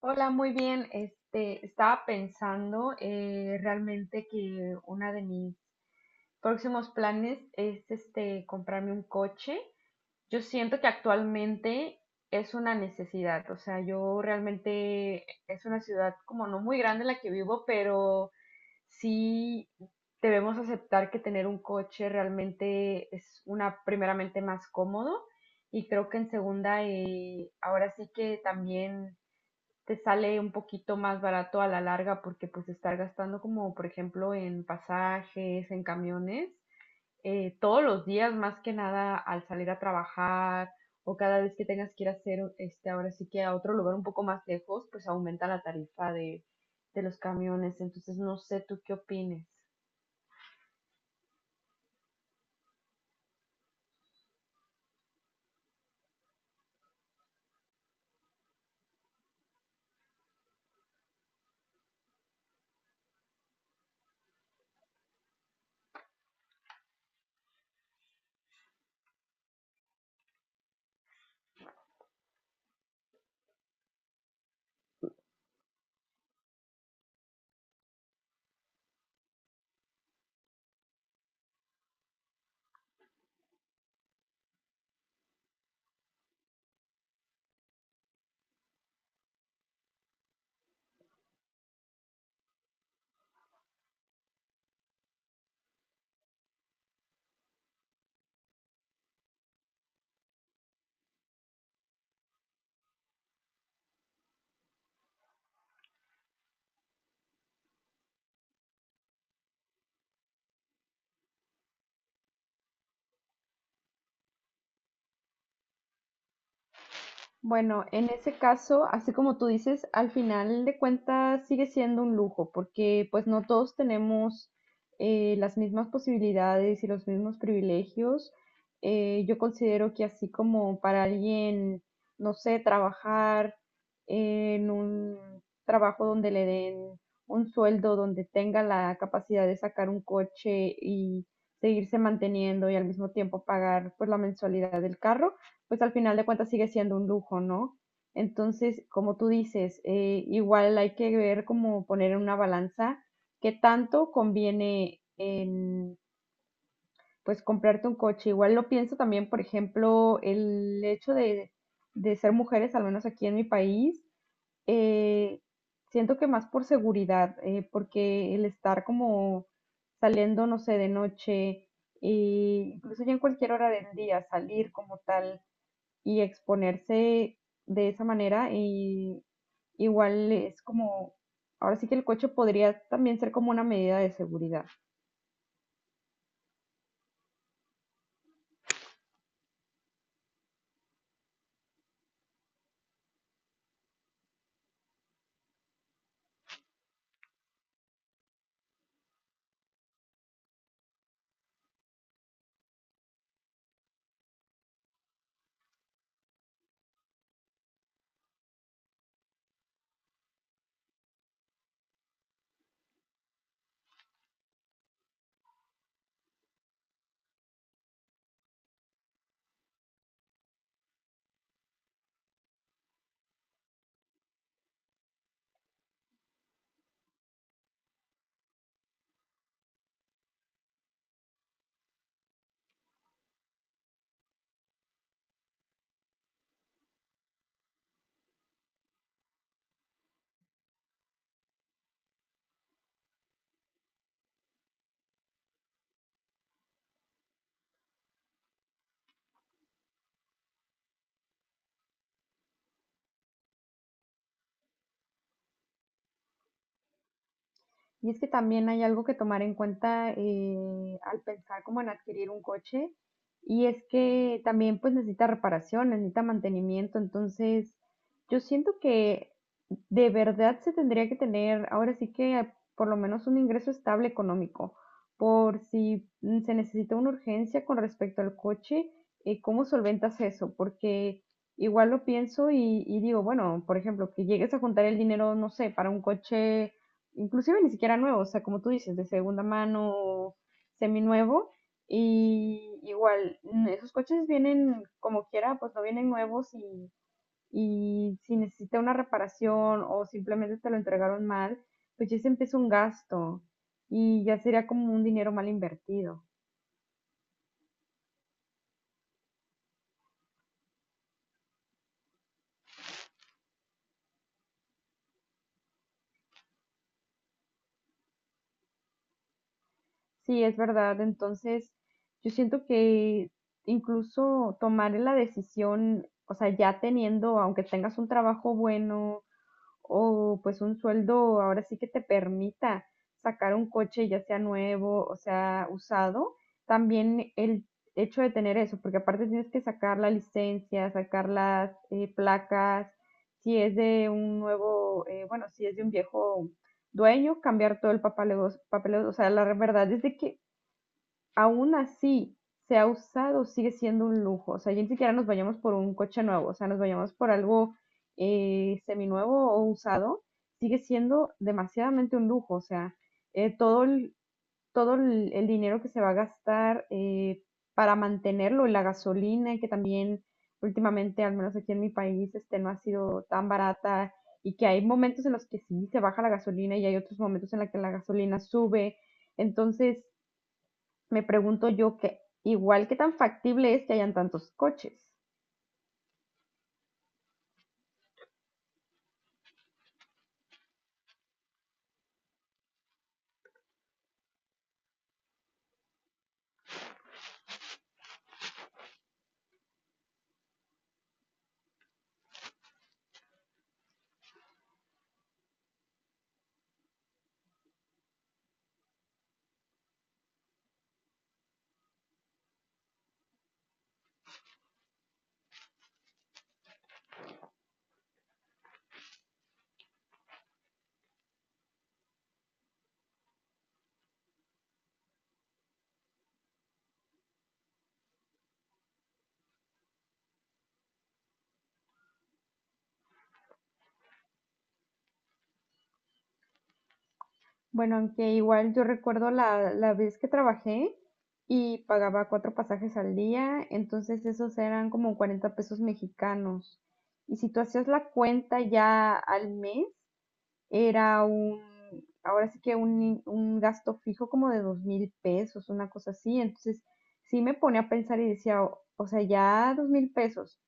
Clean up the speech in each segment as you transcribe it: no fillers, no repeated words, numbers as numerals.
Hola, muy bien. Estaba pensando realmente que uno de mis próximos planes es comprarme un coche. Yo siento que actualmente es una necesidad. O sea, yo realmente es una ciudad como no muy grande la que vivo, pero sí debemos aceptar que tener un coche realmente es una primeramente más cómodo y creo que en segunda ahora sí que también te sale un poquito más barato a la larga porque pues estar gastando como por ejemplo en pasajes, en camiones, todos los días más que nada al salir a trabajar o cada vez que tengas que ir a hacer ahora sí que a otro lugar un poco más lejos, pues aumenta la tarifa de los camiones. Entonces no sé tú qué opines. Bueno, en ese caso, así como tú dices, al final de cuentas sigue siendo un lujo, porque pues no todos tenemos las mismas posibilidades y los mismos privilegios. Yo considero que así como para alguien, no sé, trabajar en un trabajo donde le den un sueldo, donde tenga la capacidad de sacar un coche y seguirse manteniendo y al mismo tiempo pagar pues la mensualidad del carro pues al final de cuentas sigue siendo un lujo, ¿no? Entonces, como tú dices, igual hay que ver cómo poner en una balanza qué tanto conviene en, pues comprarte un coche. Igual lo pienso también, por ejemplo, el hecho de ser mujeres, al menos aquí en mi país, eh, siento que más por seguridad, porque el estar como saliendo, no sé, de noche, e incluso ya en cualquier hora del día, salir como tal, y exponerse de esa manera y igual es como, ahora sí que el coche podría también ser como una medida de seguridad. Y es que también hay algo que tomar en cuenta al pensar como en adquirir un coche, y es que también pues necesita reparación, necesita mantenimiento, entonces yo siento que de verdad se tendría que tener ahora sí que por lo menos un ingreso estable económico, por si se necesita una urgencia con respecto al coche, ¿cómo solventas eso? Porque igual lo pienso y digo, bueno, por ejemplo, que llegues a juntar el dinero, no sé, para un coche inclusive ni siquiera nuevo, o sea, como tú dices, de segunda mano, seminuevo, y igual, esos coches vienen como quiera, pues no vienen nuevos y si necesita una reparación o simplemente te lo entregaron mal, pues ya se empieza un gasto y ya sería como un dinero mal invertido. Sí, es verdad, entonces yo siento que incluso tomar la decisión, o sea, ya teniendo, aunque tengas un trabajo bueno, o pues un sueldo ahora sí que te permita sacar un coche ya sea nuevo o sea usado, también el hecho de tener eso, porque aparte tienes que sacar la licencia, sacar las placas, si es de un nuevo, bueno, si es de un viejo dueño, cambiar todo el papeleo, papeleo, o sea, la verdad es de que aún así sea usado, sigue siendo un lujo. O sea, ya ni siquiera nos vayamos por un coche nuevo, o sea, nos vayamos por algo seminuevo o usado, sigue siendo demasiadamente un lujo. O sea, eh, todo, el, todo el dinero que se va a gastar para mantenerlo, la gasolina, que también últimamente, al menos aquí en mi país, no ha sido tan barata y que hay momentos en los que sí se baja la gasolina y hay otros momentos en los que la gasolina sube. Entonces, me pregunto yo que igual qué tan factible es que hayan tantos coches. Bueno, aunque igual yo recuerdo la vez que trabajé y pagaba cuatro pasajes al día, entonces esos eran como 40 pesos mexicanos. Y si tú hacías la cuenta ya al mes, era ahora sí que un gasto fijo como de 2,000 pesos, una cosa así. Entonces sí me ponía a pensar y decía, o sea, ya 2,000 pesos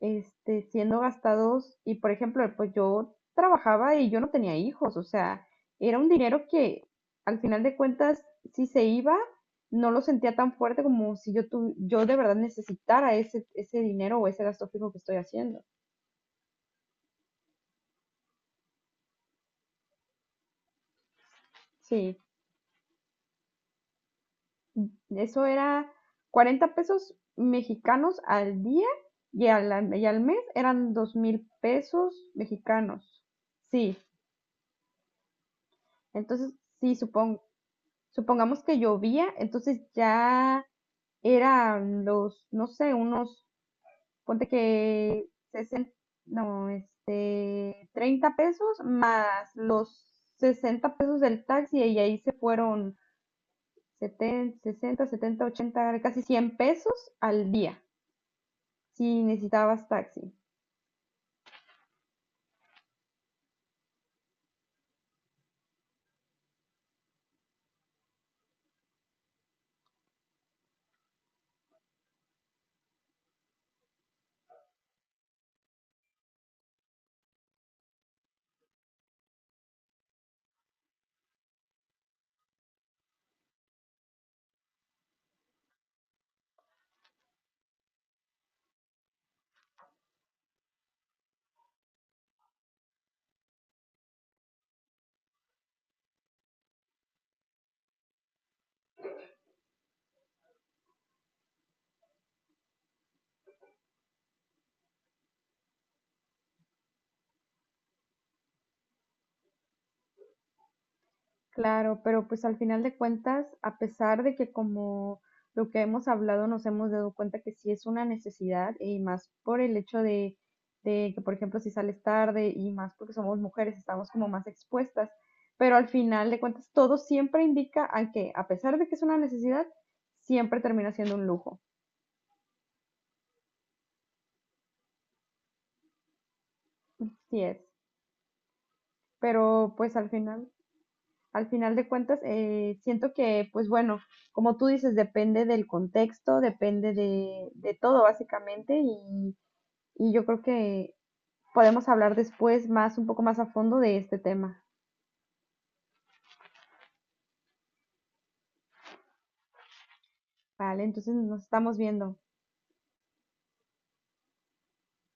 siendo gastados y por ejemplo, pues yo trabajaba y yo no tenía hijos, o sea, era un dinero que al final de cuentas, si se iba, no lo sentía tan fuerte como si yo de verdad necesitara ese dinero o ese gasto fijo que estoy haciendo. Sí, eso era 40 pesos mexicanos al día y al mes eran 2,000 pesos mexicanos. Sí, entonces sí, supongo. Supongamos que llovía, entonces ya eran los, no sé, unos, ponte que 60, no, 30 pesos más los 60 pesos del taxi y ahí se fueron 70, 60, 70, 80 casi 100 pesos al día si necesitabas taxi. Claro, pero pues al final de cuentas, a pesar de que como lo que hemos hablado nos hemos dado cuenta que sí es una necesidad y más por el hecho de, que, por ejemplo, si sales tarde y más porque somos mujeres, estamos como más expuestas, pero al final de cuentas todo siempre indica a que a pesar de que es una necesidad, siempre termina siendo un lujo. Sí es, pero pues al final. Al final de cuentas, siento que, pues bueno, como tú dices, depende del contexto, depende de todo básicamente y yo creo que podemos hablar después más, un poco más a fondo de este tema, ¿vale? Entonces nos estamos viendo.